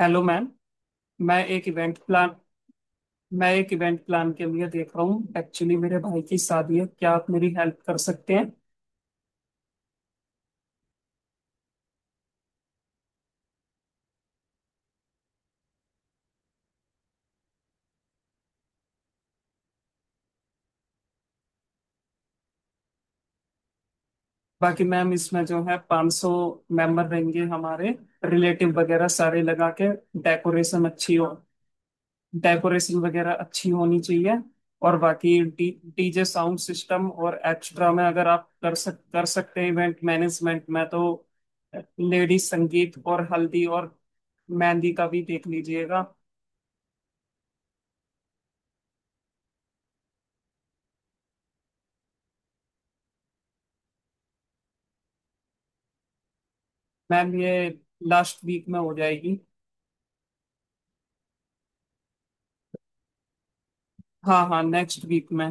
Hello ma'am. मैं एक event plan मैं एक इवेंट प्लान के लिए देख रहा हूँ। एक्चुअली मेरे भाई की शादी है, क्या आप मेरी हेल्प कर सकते हैं? बाकी मैम इसमें जो है 500 मेंबर रहेंगे हमारे, रिलेटिव वगैरह सारे लगा के। डेकोरेशन अच्छी हो, डेकोरेशन वगैरह अच्छी होनी चाहिए। और बाकी डी डीजे साउंड सिस्टम, और एक्स्ट्रा में अगर आप कर सकते हैं इवेंट मैनेजमेंट में, तो लेडीज संगीत और हल्दी और मेहंदी का भी देख लीजिएगा। मैम ये लास्ट वीक में हो जाएगी। हाँ हाँ नेक्स्ट वीक में।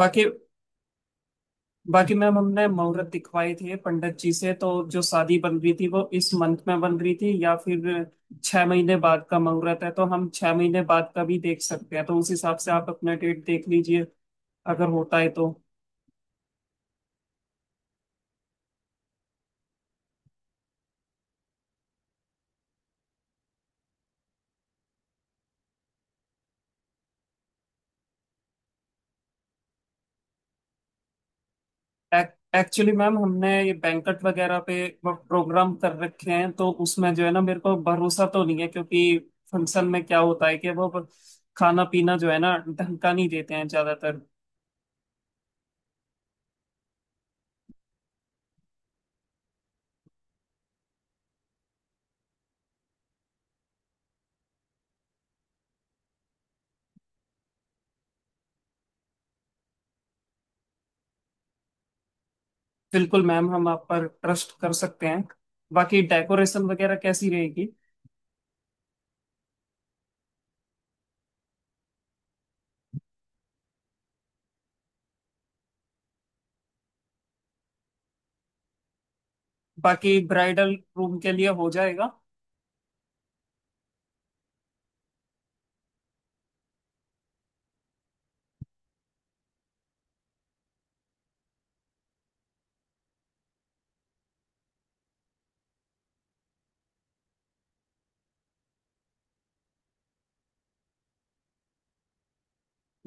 बाकी बाकी मैम हमने मुहूर्त दिखवाए थे पंडित जी से, तो जो शादी बन रही थी वो इस मंथ में बन रही थी या फिर 6 महीने बाद का मुहूर्त है। तो हम 6 महीने बाद का भी देख सकते हैं, तो उस हिसाब से आप अपना डेट देख लीजिए अगर होता है तो। एक्चुअली मैम हमने ये बैंकट वगैरह पे प्रोग्राम कर रखे हैं, तो उसमें जो है ना मेरे को भरोसा तो नहीं है, क्योंकि फंक्शन में क्या होता है कि वो खाना पीना जो है ना ढंग का नहीं देते हैं ज्यादातर। बिल्कुल मैम, हम आप पर ट्रस्ट कर सकते हैं। बाकी डेकोरेशन वगैरह कैसी रहेगी? बाकी ब्राइडल रूम के लिए हो जाएगा?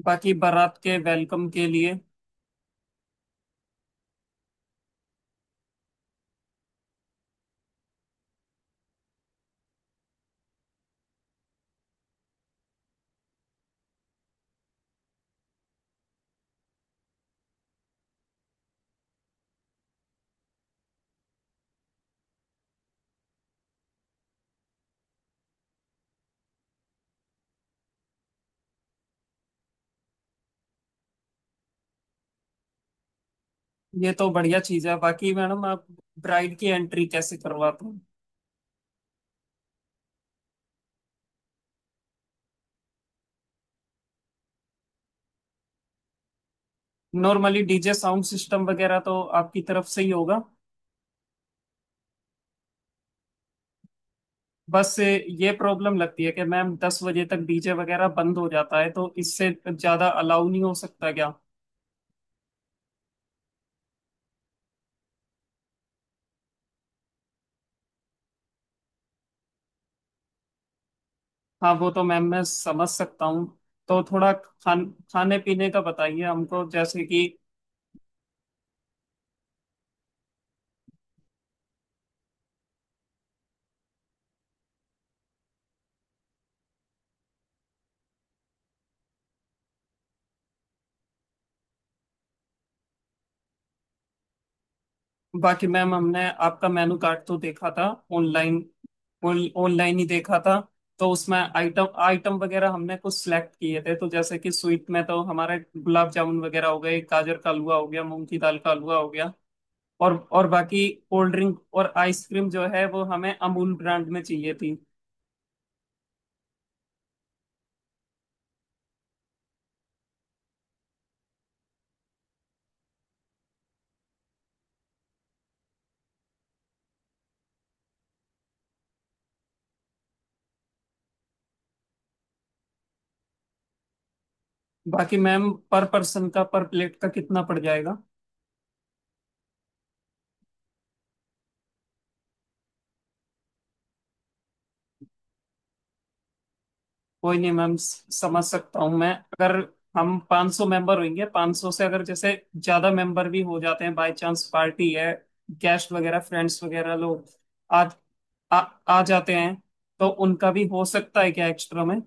बाकी बारात के वेलकम के लिए? ये तो बढ़िया चीज है। बाकी मैडम आप ब्राइड की एंट्री कैसे करवाते हो? नॉर्मली डीजे साउंड सिस्टम वगैरह तो आपकी तरफ से ही होगा। बस ये प्रॉब्लम लगती है कि मैम 10 बजे तक डीजे वगैरह बंद हो जाता है, तो इससे ज्यादा अलाउ नहीं हो सकता क्या? हाँ वो तो मैम मैं समझ सकता हूँ। तो थोड़ा खाने पीने का बताइए हमको, जैसे कि बाकी मैम हमने आपका मेनू कार्ड तो देखा था। ऑनलाइन ऑनलाइन ही देखा था। तो उसमें आइटम आइटम वगैरह हमने कुछ सिलेक्ट किए थे, तो जैसे कि स्वीट में तो हमारे गुलाब जामुन वगैरह हो गए, गाजर का हलवा हो गया, मूंग की दाल का हलवा हो गया। और बाकी कोल्ड ड्रिंक और आइसक्रीम जो है वो हमें अमूल ब्रांड में चाहिए थी। बाकी मैम पर पर्सन का, पर प्लेट का कितना पड़ जाएगा? कोई नहीं मैम, समझ सकता हूँ मैं। अगर हम 500 मेंबर होंगे, 500 से अगर जैसे ज्यादा मेंबर भी हो जाते हैं, बाय चांस पार्टी है, गेस्ट वगैरह फ्रेंड्स वगैरह लोग आ, आ जाते हैं, तो उनका भी हो सकता है क्या एक्स्ट्रा में?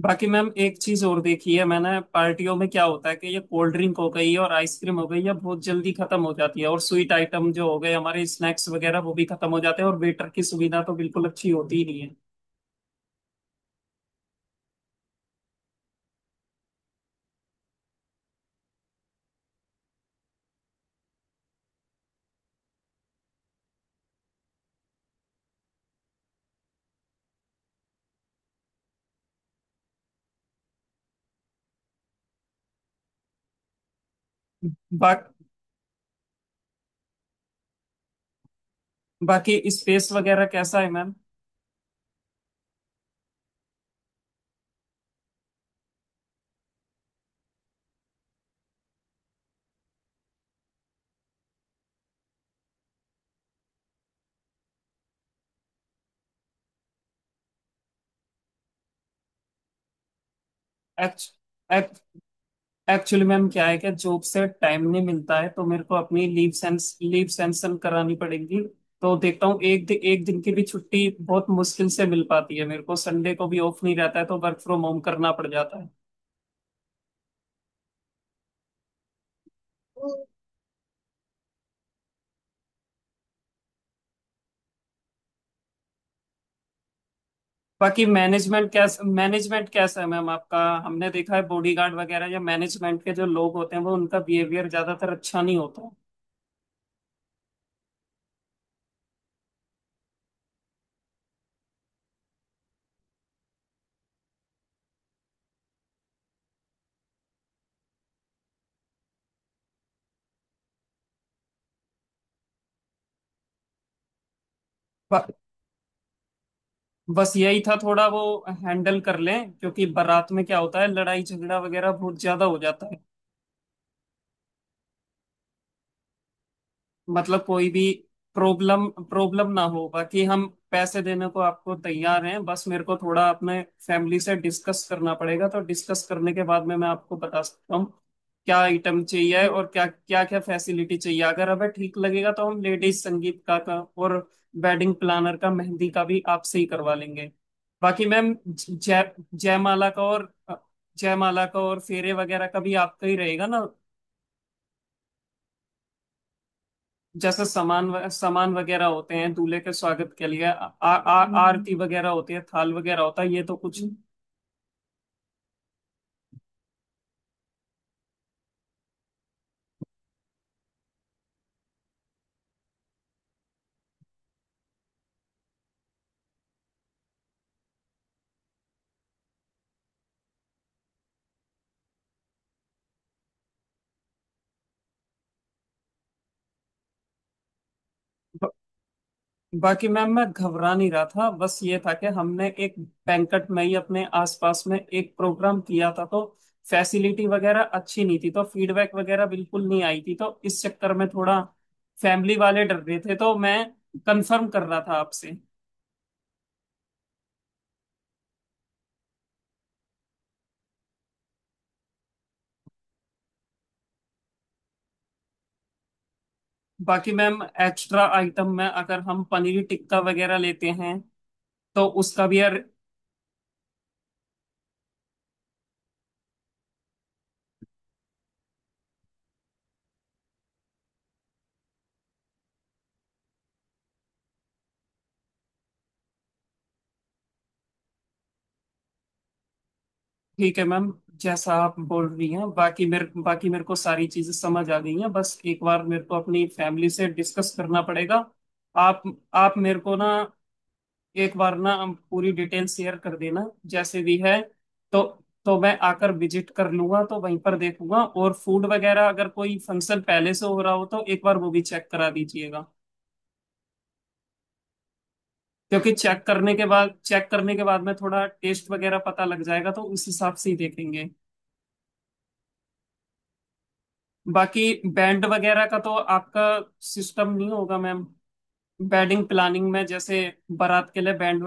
बाकी मैम एक चीज और देखी है मैंने, पार्टियों में क्या होता है कि ये कोल्ड ड्रिंक हो गई और आइसक्रीम हो गई, ये बहुत जल्दी खत्म हो जाती है, और स्वीट आइटम जो हो गए हमारे, स्नैक्स वगैरह वो भी खत्म हो जाते हैं, और वेटर की सुविधा तो बिल्कुल अच्छी होती ही नहीं है। बा, बाकी स्पेस वगैरह कैसा है मैम? एक्च, एक्च, एक्चुअली मैम क्या है कि जॉब से टाइम नहीं मिलता है, तो मेरे को अपनी लीव सैंक्शन करानी पड़ेगी। तो देखता हूँ, एक दिन की भी छुट्टी बहुत मुश्किल से मिल पाती है, मेरे को संडे को भी ऑफ नहीं रहता है, तो वर्क फ्रॉम होम करना पड़ जाता है। बाकी मैनेजमेंट कैसा है मैम आपका? हमने देखा है बॉडीगार्ड वगैरह या मैनेजमेंट के जो लोग होते हैं वो, उनका बिहेवियर ज्यादातर अच्छा नहीं होता है। बस यही था, थोड़ा वो हैंडल कर लें, क्योंकि बारात में क्या होता है, लड़ाई झगड़ा वगैरह बहुत ज्यादा हो जाता है। मतलब कोई भी प्रॉब्लम प्रॉब्लम ना हो। बाकी हम पैसे देने को आपको तैयार हैं, बस मेरे को थोड़ा अपने फैमिली से डिस्कस करना पड़ेगा, तो डिस्कस करने के बाद में मैं आपको बता सकता हूँ क्या आइटम चाहिए और क्या क्या क्या फैसिलिटी चाहिए। अगर हमें ठीक लगेगा तो हम लेडीज संगीत का और वेडिंग प्लानर का, मेहंदी का भी आपसे ही करवा लेंगे। बाकी मैम जय जयमाला का और फेरे वगैरह का भी आपका ही रहेगा ना? जैसे सामान सामान वगैरह होते हैं दूल्हे के स्वागत के लिए, आ, आ, आ- आरती वगैरह होती है, थाल वगैरह होता है, ये तो कुछ ब, बाकी मैम मैं घबरा नहीं रहा था, बस ये था कि हमने एक बैंकट में ही अपने आसपास में एक प्रोग्राम किया था, तो फैसिलिटी वगैरह अच्छी नहीं थी, तो फीडबैक वगैरह बिल्कुल नहीं आई थी, तो इस चक्कर में थोड़ा फैमिली वाले डर रहे थे, तो मैं कंफर्म कर रहा था आपसे। बाकी मैम एक्स्ट्रा आइटम में अगर हम पनीर टिक्का वगैरह लेते हैं तो उसका भी? ठीक है मैम, जैसा आप बोल रही हैं। बाकी मेरे को सारी चीजें समझ आ गई हैं, बस एक बार मेरे को अपनी फैमिली से डिस्कस करना पड़ेगा। आप आप मेरे को ना एक बार ना, हम पूरी डिटेल शेयर कर देना जैसे भी है। तो तो मैं आकर विजिट कर लूंगा, तो वहीं पर देखूंगा, और फूड वगैरह अगर कोई फंक्शन पहले से हो रहा हो तो एक बार वो भी चेक करा दीजिएगा। क्योंकि चेक करने के बाद में थोड़ा टेस्ट वगैरह पता लग जाएगा, तो उस हिसाब से ही देखेंगे। बाकी बैंड वगैरह का तो आपका सिस्टम नहीं होगा मैम? वेडिंग प्लानिंग में, जैसे बारात के लिए band.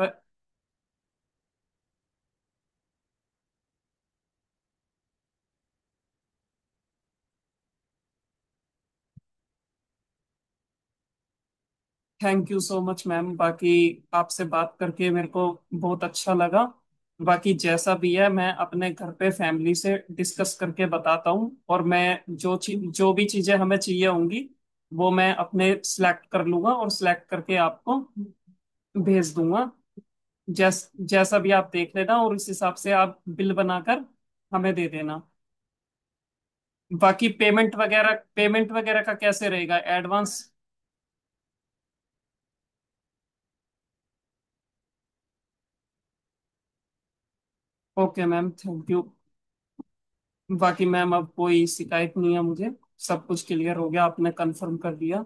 Thank you so much ma'am. बाकी आपसे बात करके मेरे को बहुत अच्छा लगा। बाकी जैसा भी है मैं अपने घर पे फैमिली से डिस्कस करके बताता हूँ, और मैं जो चीज जो भी चीजें हमें चाहिए होंगी वो मैं अपने सिलेक्ट कर लूंगा, और सिलेक्ट करके आपको भेज दूंगा। जैसा भी आप देख लेना, और उस हिसाब से आप बिल बनाकर हमें दे देना। बाकी पेमेंट वगैरह का कैसे रहेगा, advance? Okay ma'am, thank you. बाकी मैम अब कोई शिकायत नहीं है मुझे, सब कुछ क्लियर हो गया, आपने कंफर्म कर दिया।